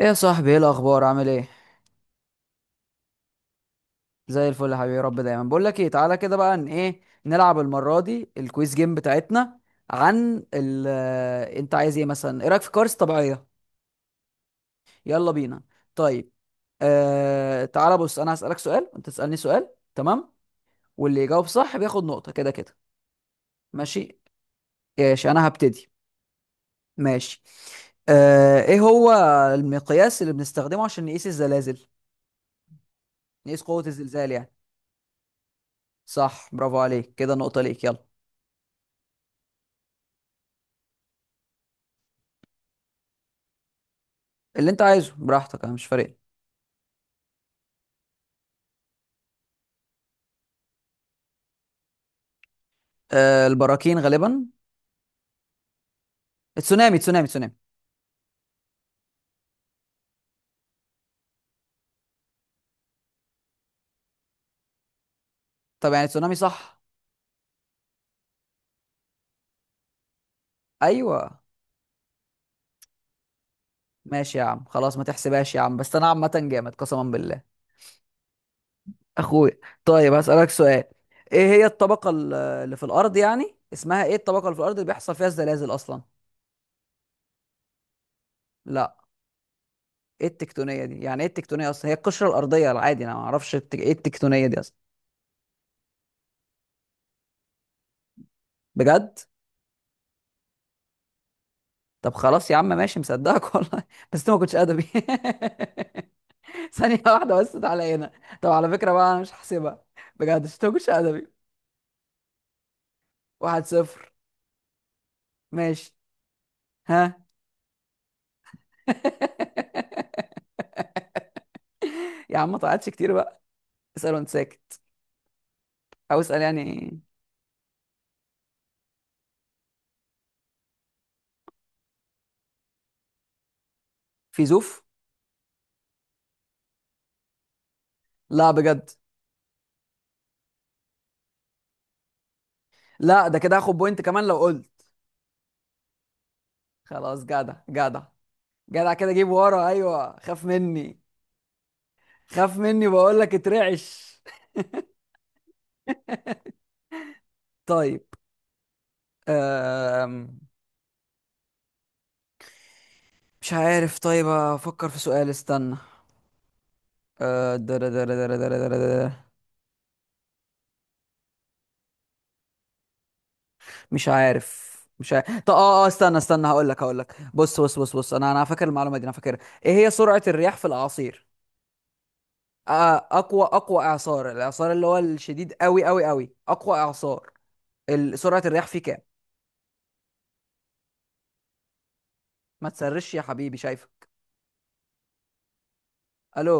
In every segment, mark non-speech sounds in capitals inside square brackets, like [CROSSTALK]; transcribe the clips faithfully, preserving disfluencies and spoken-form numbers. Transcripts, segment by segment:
ايه يا صاحبي، ايه الاخبار؟ عامل ايه؟ زي الفل يا حبيبي، يا رب دايما. بقول لك ايه، تعالى كده بقى، ان ايه نلعب المره دي الكويز جيم بتاعتنا. عن ال آه، انت عايز ايه مثلا؟ ايه رايك في كوارث طبيعيه؟ يلا بينا. طيب. آه... تعالى بص، انا هسالك سؤال وانت تسالني سؤال. تمام. واللي يجاوب صح بياخد نقطه. كده كده ماشي. ماشي انا هبتدي. ماشي. آه... ايه هو المقياس اللي بنستخدمه عشان نقيس الزلازل، نقيس قوه الزلزال يعني؟ صح، برافو عليك، كده نقطه ليك. يلا. اللي انت عايزه براحتك، انا مش فارق لي. آه البراكين غالبا. تسونامي، تسونامي، تسونامي! طب يعني تسونامي صح؟ ايوه. ماشي يا عم، خلاص ما تحسبهاش يا عم، بس انا عامه جامد قسما بالله. اخويا. طيب هسألك سؤال. ايه هي الطبقه ال- اللي في الارض، يعني اسمها ايه الطبقه اللي في الارض اللي بيحصل فيها الزلازل اصلا؟ لا. ايه التكتونيه دي يعني؟ ايه التكتونيه اصلا؟ هي القشره الارضيه العادي، انا ما اعرفش التك... ايه التكتونيه دي اصلا؟ بجد؟ طب خلاص يا عم ماشي، مصدقك والله. [LAUGHS] بس انت ما كنتش ادبي. [LAUGHS] ثانية واحدة بس، تعالى هنا. طب على فكرة بقى أنا مش هحسبها. بجد، عشان أنت ما كنتش أدبي. واحد صفر. ماشي. ها. [LAUGHS] يا عم ما طلعتش كتير بقى. اسأل وأنت ساكت. أو اسأل يعني. فيزوف. لا بجد؟ لا، ده كده هاخد بوينت كمان لو قلت. خلاص، جدع جدع. جدع كده، جيب ورا، أيوه خاف مني. خاف مني بقول لك، اترعش. طيب. أم... مش عارف. طيب أفكر في سؤال. استنى. أه... درا درا درا درا درا درا. مش عارف. مش عارف. طب اه اه استنى استنى، هقول لك هقول لك بص بص بص بص، انا انا فاكر المعلومه دي، انا فاكرها. ايه هي سرعه الرياح في الاعاصير؟ آه اقوى اقوى اعصار، الاعصار اللي هو الشديد قوي قوي قوي، اقوى اعصار، ال- سرعه الرياح فيه كام؟ ما تسرش يا حبيبي، شايفه. الو.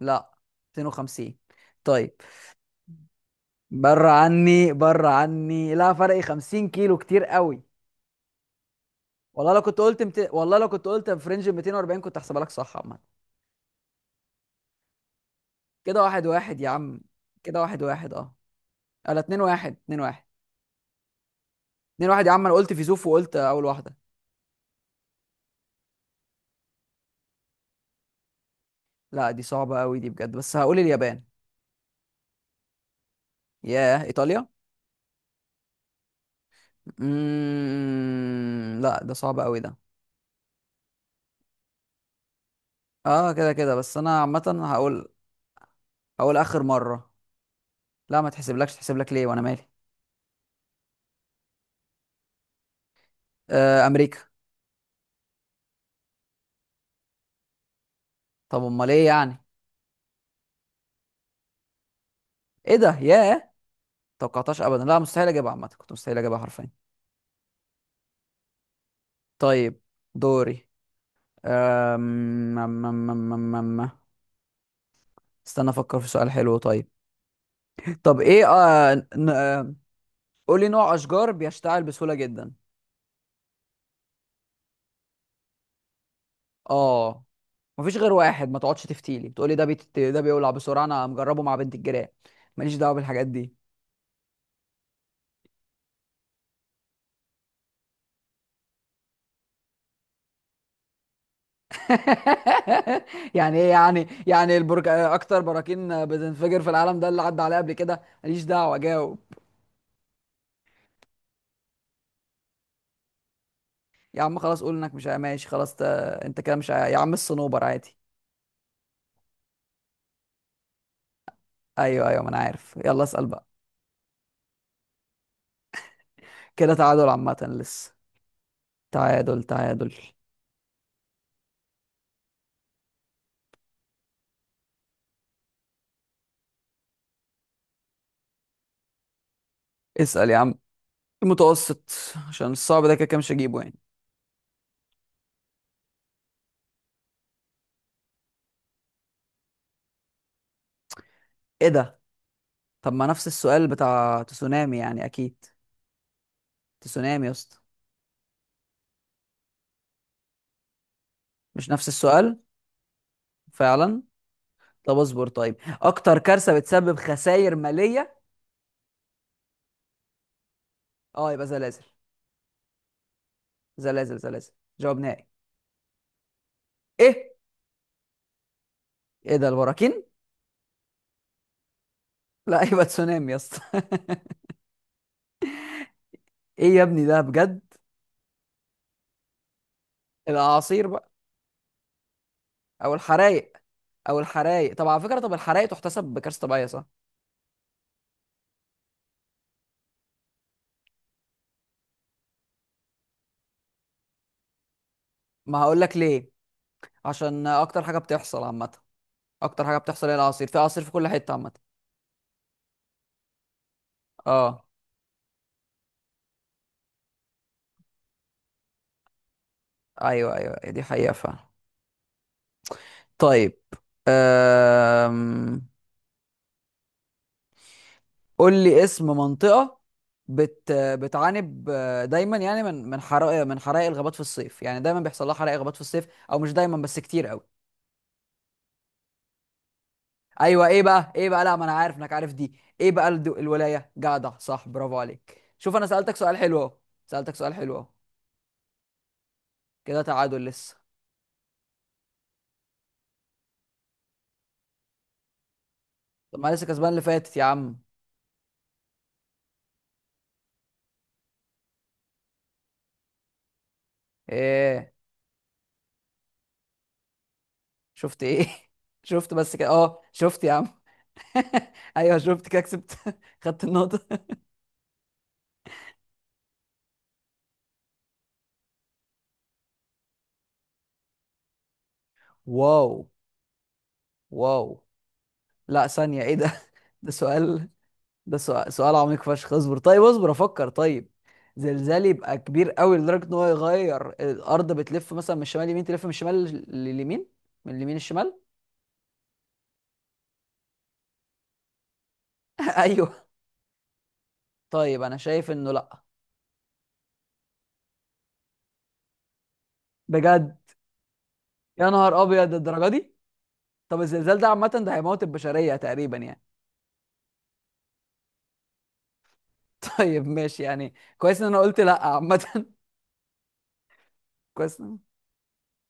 لا. مئتين وخمسين. طيب. بره عني، بره عني، لا فرق خمسين كيلو كتير قوي. والله لو كنت قلت مت... والله لو كنت قلت في رينج ميتين واربعين كنت هحسبها لك صح عامه. كده واحد واحد يا عم. كده واحد واحد اه. لا، اتنين واحد اتنين واحد اتنين واحد، يا عم انا قلت فيزوف وقلت اول واحده. لا دي صعبه قوي دي بجد، بس هقول اليابان. ياه، ايطاليا. مم... لا، ده صعب قوي ده. اه كده كده بس انا عامه هقول. هقول اخر مره. لا ما تحسبلكش، تحسب لك ليه وانا مالي؟ آه امريكا. طب امال ايه يعني؟ ايه ده؟ ياه. توقعتهاش ابدا، لا مستحيل اجيبها عامه، كنت مستحيل اجيبها حرفيا. طيب. دوري. أم... أم... أم... أم... أم... أم- استنى افكر في سؤال حلو. طيب. [LAUGHS] طب ايه آه... ن... آه... قولي نوع اشجار بيشتعل بسهوله جدا. اه. مفيش غير واحد، ما تقعدش تفتيلي بتقولي ده بيت... ده بيولع بسرعه، انا مجربه مع بنت الجيران. ماليش دعوه بالحاجات دي. [LAUGHS] يعني ايه يعني يعني البرج اكتر براكين بتنفجر في العالم ده اللي عدى عليه قبل كده، ماليش دعوه جاوب. يا عم خلاص قول انك مش ماشي خلاص ت... انت كده مش ع- يا عم الصنوبر عادي. ايوه ايوه، ما انا عارف، يلا اسال بقى. كده تعادل عامه لسه. تعادل تعادل. اسال يا عم. المتوسط. عشان الصعب ده كده كده مش هجيبه يعني. ايه ده؟ طب ما نفس السؤال بتاع تسونامي يعني اكيد. تسونامي يا اسطى. مش نفس السؤال فعلا. طب اصبر طيب. اكتر كارثه بتسبب خسائر ماليه. اه يبقى زلازل. زلازل، زلازل. جواب نهائي. ايه؟ ايه ده؟ البراكين. لا يبقى تسونامي يا اسطى. [LAUGHS] ايه يا ابني ده بجد؟ الاعاصير بقى. او الحرايق. او الحرايق. طب على فكره، طب الحرايق تحتسب بكارثه طبيعيه صح؟ ما هقول لك ليه. عشان اكتر حاجه بتحصل عامه. اكتر حاجه بتحصل هي الاعاصير، في اعاصير في كل حته عامه. اه. ايوه ايوه، دي حقيقه فعلا. طيب. أم... قول لي اسم منطقة بت... بتعاني آه، دايما يعني من من حرائق من حرائق الغابات في الصيف، يعني دايما بيحصل لها حرائق غابات في الصيف. او مش دايما بس كتير قوي. ايوه. ايه بقى؟ ايه بقى؟ لا ما انا عارف انك عارف دي. ايه بقى الد... الولاية؟ جدع صح، برافو عليك، شوف انا سألتك سؤال حلو اهو. سألتك سؤال حلو اهو. كده تعادل لسه. طب ما أنا لسه كسبان اللي فاتت يا عم. ايه؟ شفت ايه؟ [LAUGHS] شفت بس كده اه، شفت يا عم. [LAUGHS] ايوه شفت كده كسبت. [LAUGHS] خدت النقطة. واو. واو. لا، ثانية ايه ده؟ [LAUGHS] ده سؤال. ده سؤال، سؤال عميق فشخ. اصبر طيب، اصبر افكر طيب. زلزال يبقى كبير قوي لدرجة ان هو يغير الارض، بتلف مثلا من الشمال اليمين، تلف من الشمال لل- لليمين، من اليمين الشمال. [LAUGHS] ايوه. طيب انا شايف انه لا. بجد؟ يا نهار ابيض الدرجة دي! طب الزلزال ده عامة، ده هيموت البشرية تقريبا يعني. [LAUGHS] طيب ماشي يعني، كويس ان انا قلت لا عامة. [LAUGHS] كويس إن-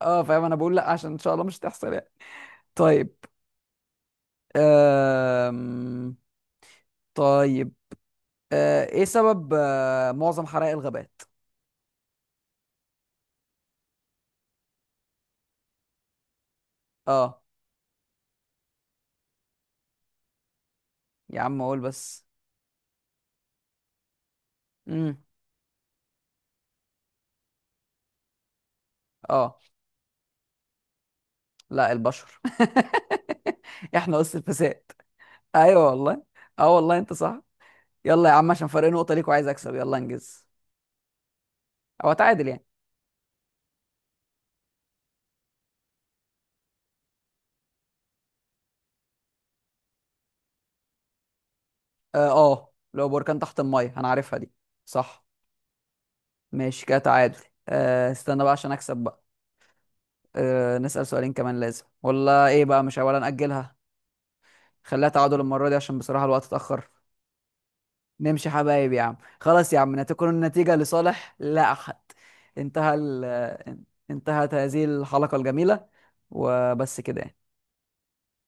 اه فاهم، انا بقول لا عشان ان شاء الله مش هتحصل يعني. طيب. أم... طيب. أه... ايه سبب أه... معظم حرائق الغابات؟ اه. يا عم اقول بس. امم. اه، لا، البشر. [LAUGHS] احنا قص الفساد. ايوه والله. اه والله انت صح. يلا يا عم، عشان فرق نقطة ليك، وعايز اكسب، يلا انجز. او اتعادل يعني. اه، آه، لو بركان تحت المية انا عارفها دي. صح. ماشي كده تعادل. أه... استنى بقى عشان اكسب بقى. أه... نسأل سؤالين كمان لازم ولا ايه بقى، مش ولا نأجلها؟ خليها تعادل المرة دي، عشان بصراحة الوقت اتأخر. نمشي حبايب يا عم خلاص يا عم، لا تكون النتيجة لصالح لا أحد. انتهى ال... انتهت هذه الحلقة الجميلة. وبس كده يعني.